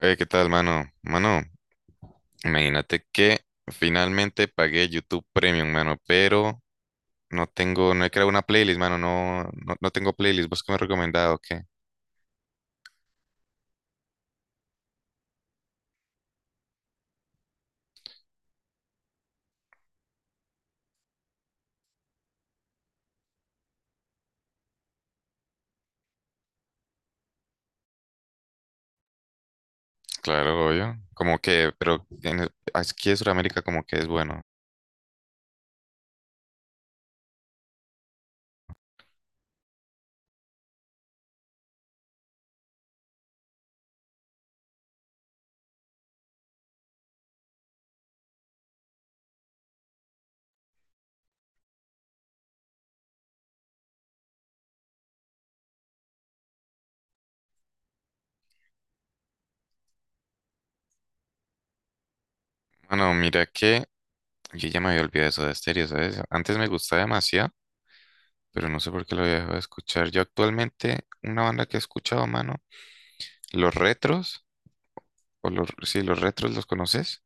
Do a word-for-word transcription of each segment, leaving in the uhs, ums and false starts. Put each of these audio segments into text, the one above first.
Eh, ¿qué tal, mano? Mano, imagínate que finalmente pagué YouTube Premium, mano, pero no tengo, no he creado una playlist, mano, no, no, no tengo playlist. ¿Vos qué me has recomendado? ¿Qué? Claro, obvio. Como que, pero en- aquí en Sudamérica como que es bueno. Mano, mira que yo ya me había olvidado eso de estéreo, ¿sabes? Antes me gustaba demasiado, pero no sé por qué lo había dejado de escuchar. Yo actualmente, una banda que he escuchado, mano, Los Retros, o los, sí, Los Retros, ¿los conoces?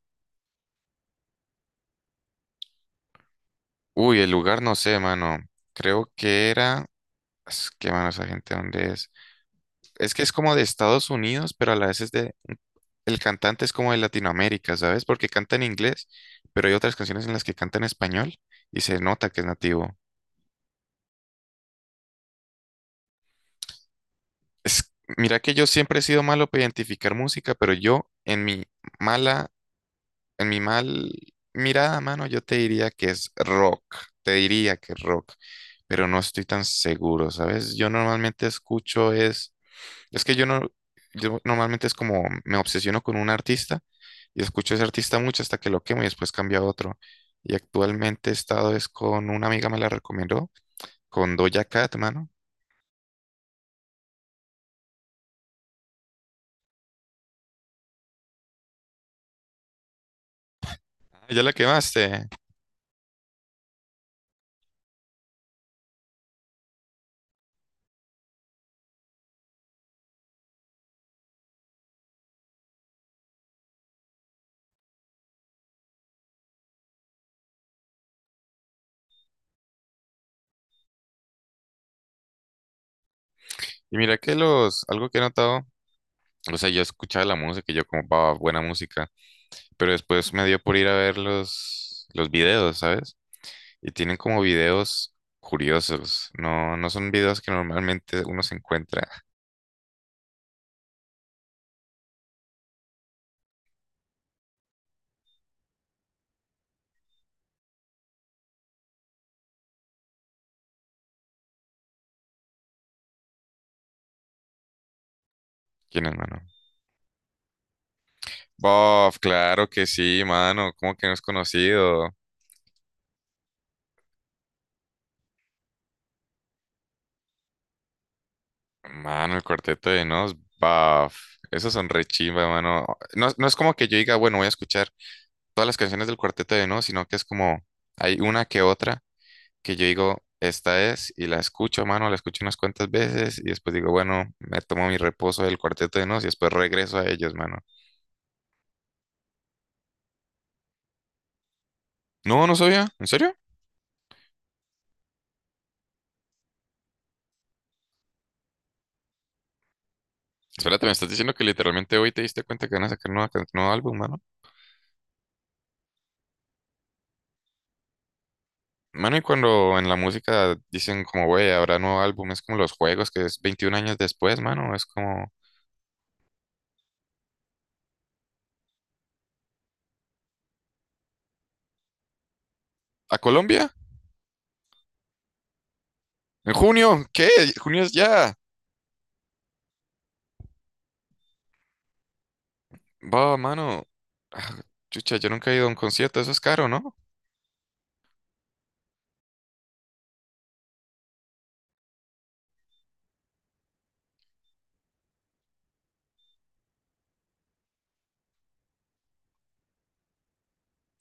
Uy, el lugar no sé, mano. Creo que era. Es que, mano, esa gente, ¿dónde es? Es que es como de Estados Unidos, pero a la vez es de. El cantante es como de Latinoamérica, ¿sabes? Porque canta en inglés, pero hay otras canciones en las que canta en español y se nota que es nativo. Es... Mira que yo siempre he sido malo para identificar música, pero yo, en mi mala, en mi mal mirada, mano, yo te diría que es rock. Te diría que es rock, pero no estoy tan seguro, ¿sabes? Yo normalmente escucho es. Es que yo no, yo normalmente es como me obsesiono con un artista y escucho a ese artista mucho hasta que lo quemo y después cambio a otro. Y actualmente he estado es con una amiga me la recomendó, con Doja Cat, mano. Ah, Ya la quemaste. Y mira que los, algo que he notado, o sea, yo escuchaba la música y yo como, va, buena música, pero después me dio por ir a ver los, los videos, ¿sabes? Y tienen como videos curiosos, no, no son videos que normalmente uno se encuentra. ¿Quién es, mano? Bof, claro que sí, mano. ¿Cómo que no es conocido? Mano, El Cuarteto de Nos, bof. Esos son re chimba, mano. No, no es como que yo diga, bueno, voy a escuchar todas las canciones del Cuarteto de Nos, sino que es como hay una que otra que yo digo, esta es, y la escucho, mano, la escucho unas cuantas veces, y después digo, bueno, me tomo mi reposo del Cuarteto de Nos y después regreso a ellos, mano. No, no sabía, ¿en serio? Espérate, me estás diciendo que literalmente hoy te diste cuenta que van a sacar nueva can- nuevo álbum, mano. Mano, y cuando en la música dicen como, güey, habrá nuevo álbum, es como los juegos, que es veintiún años después, mano, es como, ¿a Colombia? ¿En junio? ¿Qué? ¿Junio es ya? Va, mano. Ah, Chucha, yo nunca he ido a un concierto, eso es caro, ¿no?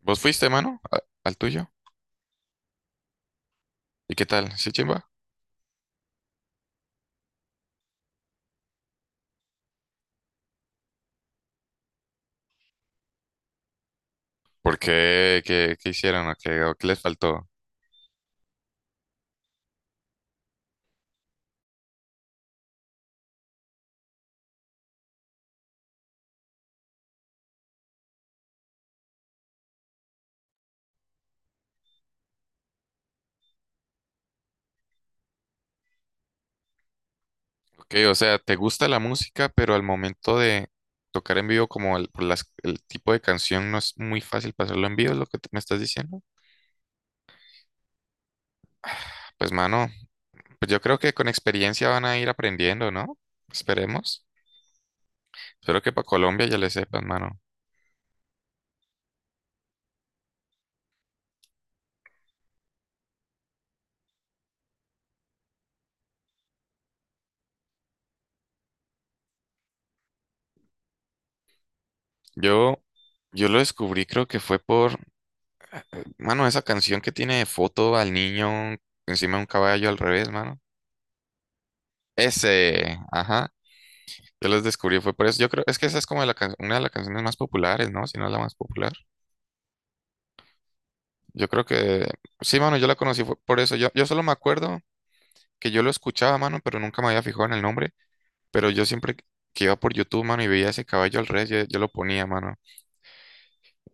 ¿Vos fuiste, mano, a- al tuyo? ¿Y qué tal? ¿Sí, chimba? ¿Por qué? ¿Qué, qué hicieron? ¿O qué, o qué les faltó? Ok, o sea, te gusta la música, pero al momento de tocar en vivo, como el, por las- el tipo de canción no es muy fácil pasarlo en vivo, es lo que te- me estás diciendo. Pues mano, pues yo creo que con experiencia van a ir aprendiendo, ¿no? Esperemos. Espero que para Colombia ya le sepan, mano. Yo, yo lo descubrí, creo que fue por, mano, esa canción que tiene de foto al niño encima de un caballo al revés, mano. Ese, ajá. Yo los descubrí, fue por eso. Yo creo, es que esa es como la can- una de las canciones más populares, ¿no? Si no la más popular. Yo creo que sí, mano, yo la conocí fue por eso. Yo, yo solo me acuerdo que yo lo escuchaba, mano, pero nunca me había fijado en el nombre. Pero yo siempre que iba por YouTube, mano, y veía ese caballo al revés, yo, yo lo ponía, mano.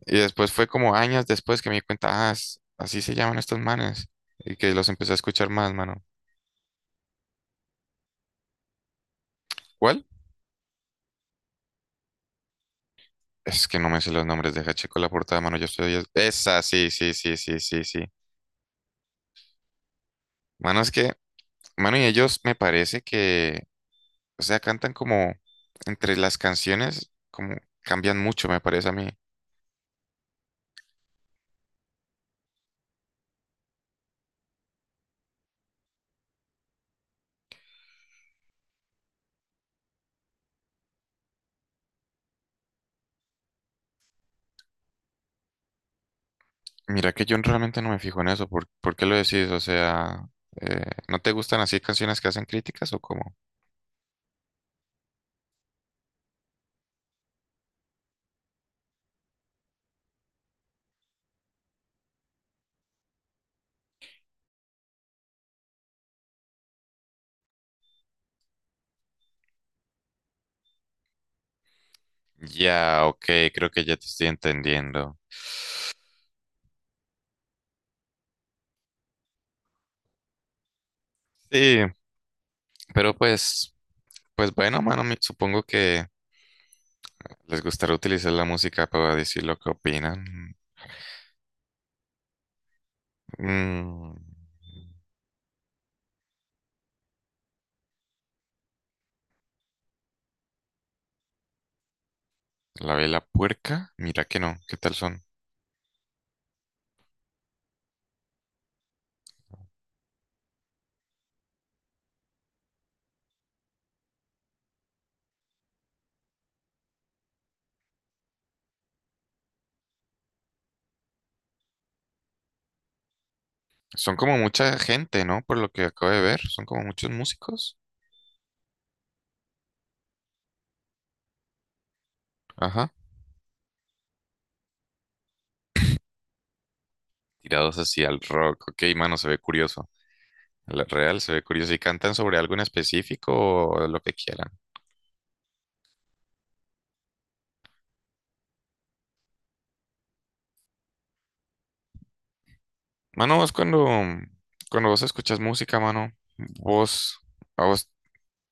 Y después fue como años después que me di cuenta, ah, es- así se llaman estos manes. Y que los empecé a escuchar más, mano. ¿Cuál? Es que no me sé los nombres, deja checo la portada, mano. Yo estoy. Esa, sí, sí, sí, sí, sí, sí. Mano, es que, mano, y ellos me parece que. O sea, cantan como entre las canciones, como cambian mucho, me parece a mí. Mira que yo realmente no me fijo en eso. ¿Por, por qué lo decís? O sea, eh, ¿no te gustan así canciones que hacen críticas o cómo? Ya, ok, creo que ya te estoy entendiendo. Sí, pero pues, pues bueno, mano, me- supongo que les gustará utilizar la música para decir lo que opinan. Mm, la Vela Puerca, mira que no, ¿qué tal son? Son como mucha gente, ¿no? Por lo que acabo de ver, son como muchos músicos. Ajá. Tirados hacia el rock. Ok, mano, se ve curioso. La real se ve curioso. ¿Y cantan sobre algo en específico o lo que quieran? Mano, vos cuando, cuando vos escuchas música, mano, vos, a vos,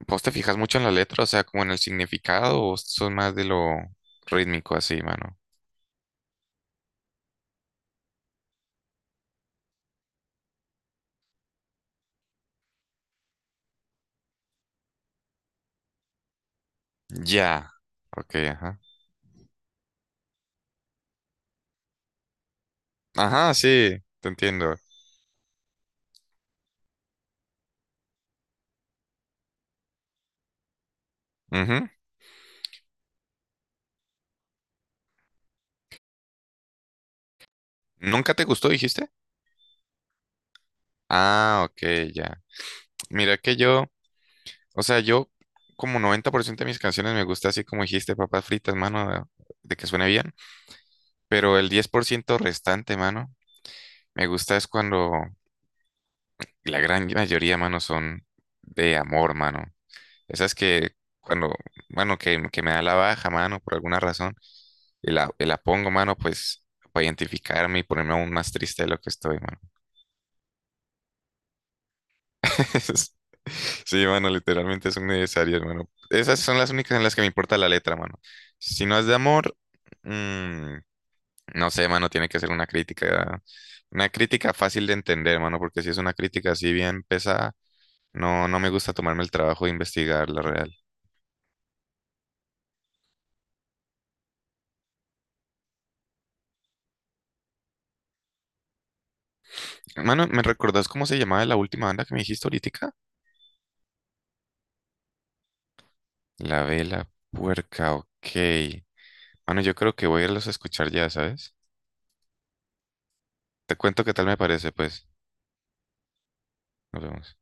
vos te fijas mucho en la letra, o sea, como en el significado, o sos más de lo rítmico así, mano. Ya. Ok, ajá. Ajá, sí, te entiendo. Ujú. ¿Nunca te gustó, dijiste? Ah, ok, ya. Mira que yo. O sea, yo como noventa por ciento de mis canciones me gusta así como dijiste, papas fritas, mano, de, de que suene bien, pero el diez por ciento restante, mano, me gusta es cuando la gran mayoría, mano, son de amor, mano. Esas que cuando, bueno, que, que me da la baja, mano, por alguna razón, y la, y la pongo, mano, pues para identificarme y ponerme aún más triste de lo que estoy, mano. Es- Sí, mano, literalmente son necesarias, mano. Esas son las únicas en las que me importa la letra, mano. Si no es de amor, mm, no sé, mano, tiene que ser una crítica, una crítica fácil de entender, mano, porque si es una crítica así bien pesada, no, no me gusta tomarme el trabajo de investigar la real. Mano, ¿me recordás cómo se llamaba la última banda que me dijiste ahorita? La Vela Puerca, ok. Mano, yo creo que voy a irlos a escuchar ya, ¿sabes? Te cuento qué tal me parece, pues. Nos vemos.